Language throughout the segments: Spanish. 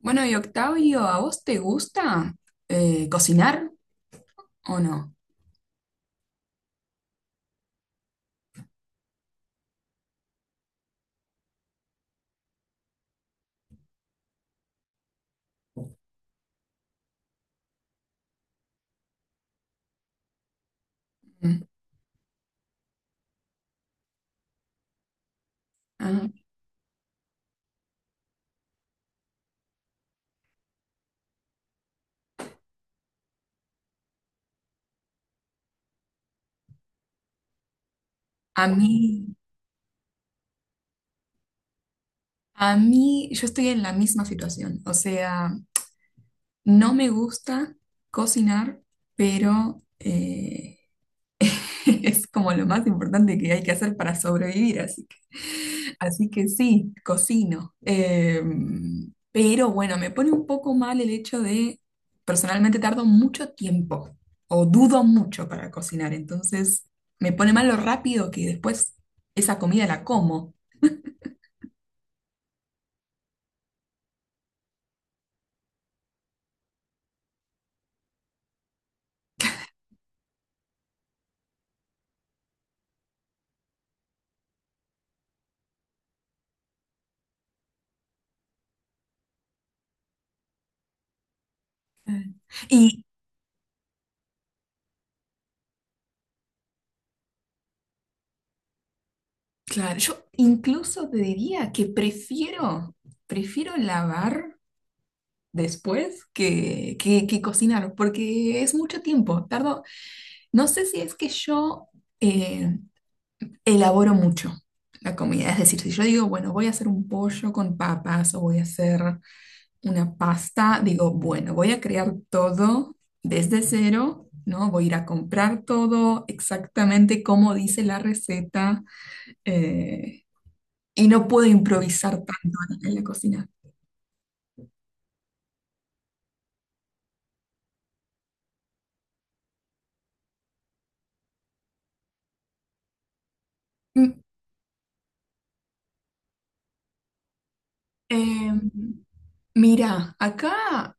Bueno, y Octavio, ¿a vos te gusta cocinar o no? Mm, ah, a mí, a mí, yo estoy en la misma situación. O sea, no me gusta cocinar, pero es como lo más importante que hay que hacer para sobrevivir, así que, sí, cocino. Pero bueno, me pone un poco mal el hecho de, personalmente tardo mucho tiempo o dudo mucho para cocinar, entonces me pone mal lo rápido que después esa comida la como. Ah. Y claro, yo incluso te diría que prefiero lavar después que cocinar, porque es mucho tiempo, tardo. No sé si es que yo eh, elaboro mucho la comida. Es decir, si yo digo, bueno, voy a hacer un pollo con papas o voy a hacer una pasta, digo, bueno, voy a crear todo desde cero, ¿no? Voy a ir a comprar todo exactamente como dice la receta, eh, y no puedo improvisar tanto en la cocina. Mm, eh, mira, acá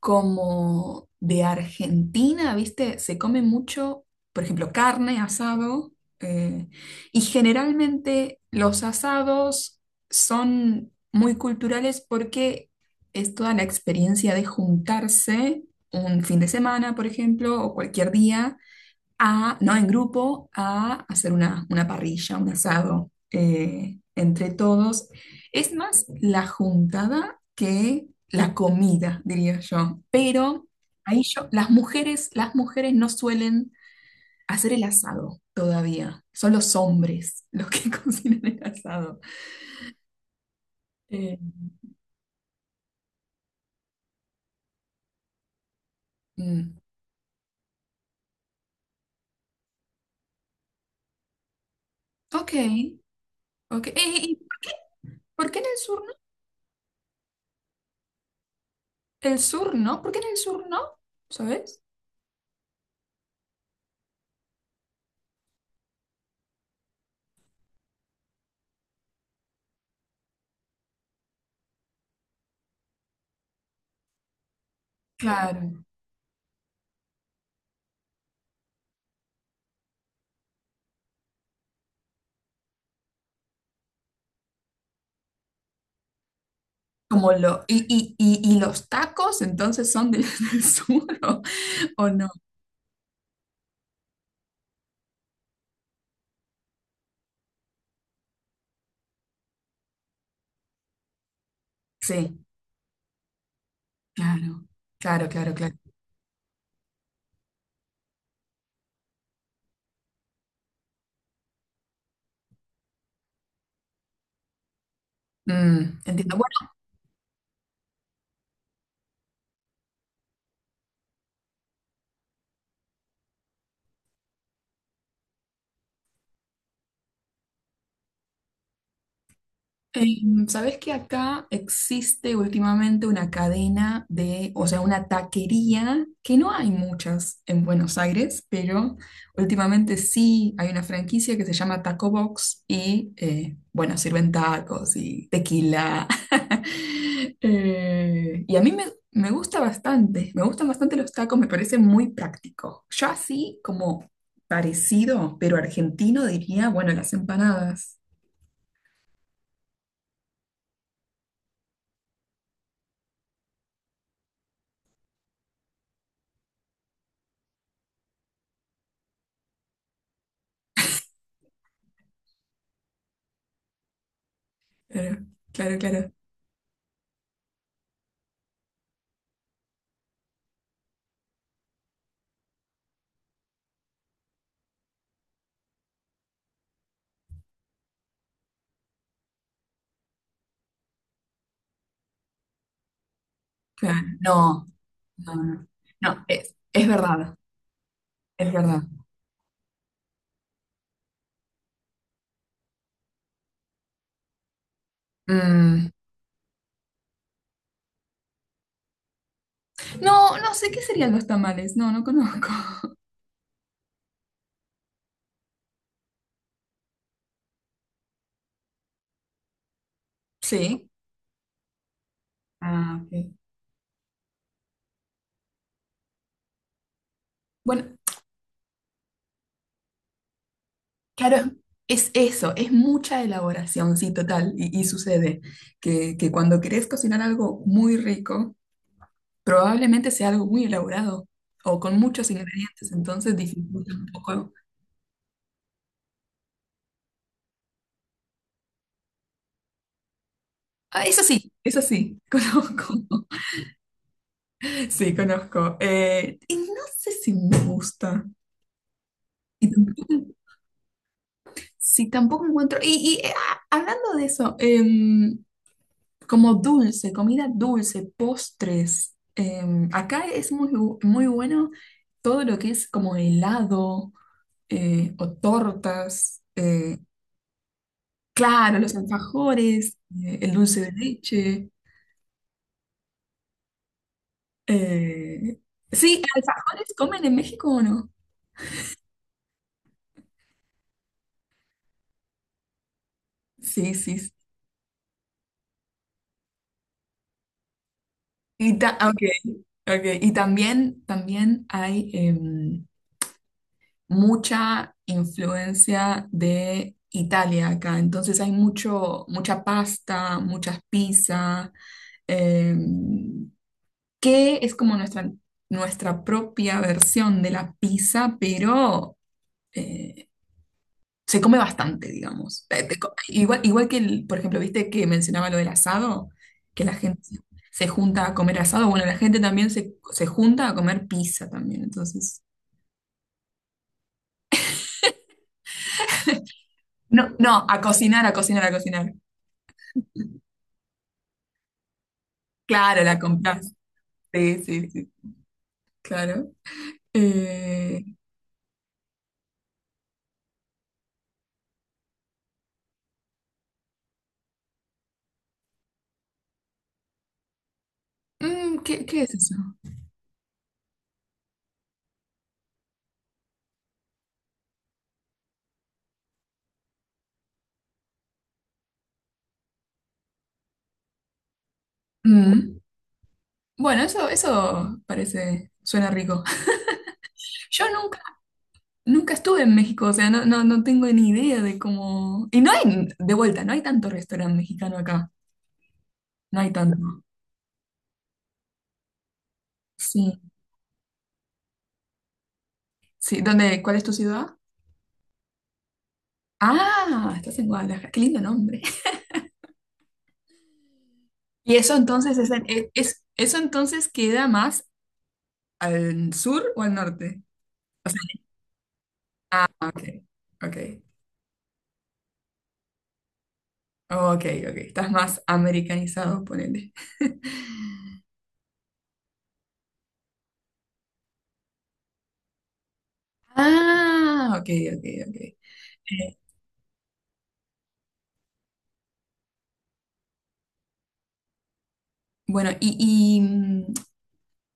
como de Argentina, ¿viste? Se come mucho, por ejemplo, carne, asado, eh, y generalmente los asados son muy culturales porque es toda la experiencia de juntarse un fin de semana, por ejemplo, o cualquier día a, no en grupo, a hacer una parrilla, un asado entre todos. Es más la juntada que la comida, diría yo. Pero ahí yo, las mujeres no suelen hacer el asado todavía. Son los hombres los que cocinan el asado. Eh, mm, ok, ok. ¿Por qué en el sur no? El sur no, ¿por qué en el sur no? ¿Sabes? Claro. Como lo, y los tacos entonces son del, del sur, o no? Sí, claro, claro, claro, claro. Mm, entiendo. Em, ¿sabes que acá existe últimamente una cadena de, o sea, una taquería, que no hay muchas en Buenos Aires, pero últimamente sí hay una franquicia que se llama Taco Box y, bueno, sirven tacos y tequila? Y a me gusta bastante, me gustan bastante los tacos, me parece muy práctico. Yo así como parecido, pero argentino, diría, bueno, las empanadas. Claro, claro, claro. Claro, no, no, no, no, es verdad, es verdad. Mm, no, no sé qué serían los tamales, no, no conozco. Sí. Ah, ok. Bueno, claro, es eso, es mucha elaboración, sí, total. Y sucede que cuando querés cocinar algo muy rico, probablemente sea algo muy elaborado o con muchos ingredientes, entonces dificulta un poco. Ah, eso sí, conozco. Sí, conozco. Y no sé si me gusta. Y tampoco, sí, tampoco encuentro. Hablando de eso, em, como dulce, comida dulce, postres, em, acá es muy, bu- muy bueno todo lo que es como helado o tortas, claro, los alfajores, el dulce de leche. eh, Sí, ¿alfajores comen en México o no? Sí, sí. Sí. Y, ta- ok, ok. Y también, también hay. Em, mucha influencia de Italia acá. Entonces hay mucho, mucha pasta, muchas pizzas, eh, que es como nuestra propia versión de la pizza, pero eh, se come bastante, digamos. Te co- igual, por ejemplo, viste que mencionaba lo del asado, que la gente se se junta a comer asado. Bueno, la gente también se junta a comer pizza también. Entonces, no, no, a cocinar, a cocinar, a cocinar. Claro, la compras. Sí, sí, sí, claro. Eh, ¿Qué, qué es eso? Mm. Bueno, eso parece, suena rico. Yo nunca, nunca estuve en México, o sea, no, no, no tengo ni idea de cómo. Y no hay, de vuelta, no hay tanto restaurante mexicano acá. No hay tanto. Sí, sí. ¿Dónde, cuál es tu ciudad? Ah, estás en Guadalajara. Qué lindo nombre. ¿Y eso entonces es, en- es, es- eso entonces queda más al sur o al norte? O sea, ah, ok, ok. Ok, ok. Estás más americanizado, ponele. Ah, ok, ok, ok. Eh, bueno,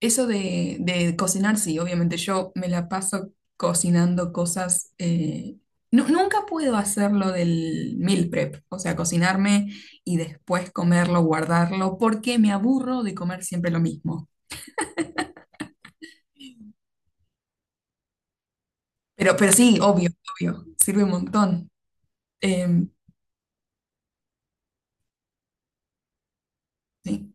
eso de cocinar, sí, obviamente yo me la paso cocinando cosas. Nu- nunca puedo hacerlo del meal prep, o sea, cocinarme y después comerlo, guardarlo, porque me aburro de comer siempre lo mismo. Pero sí, obvio, obvio, sirve un montón. Em, sí.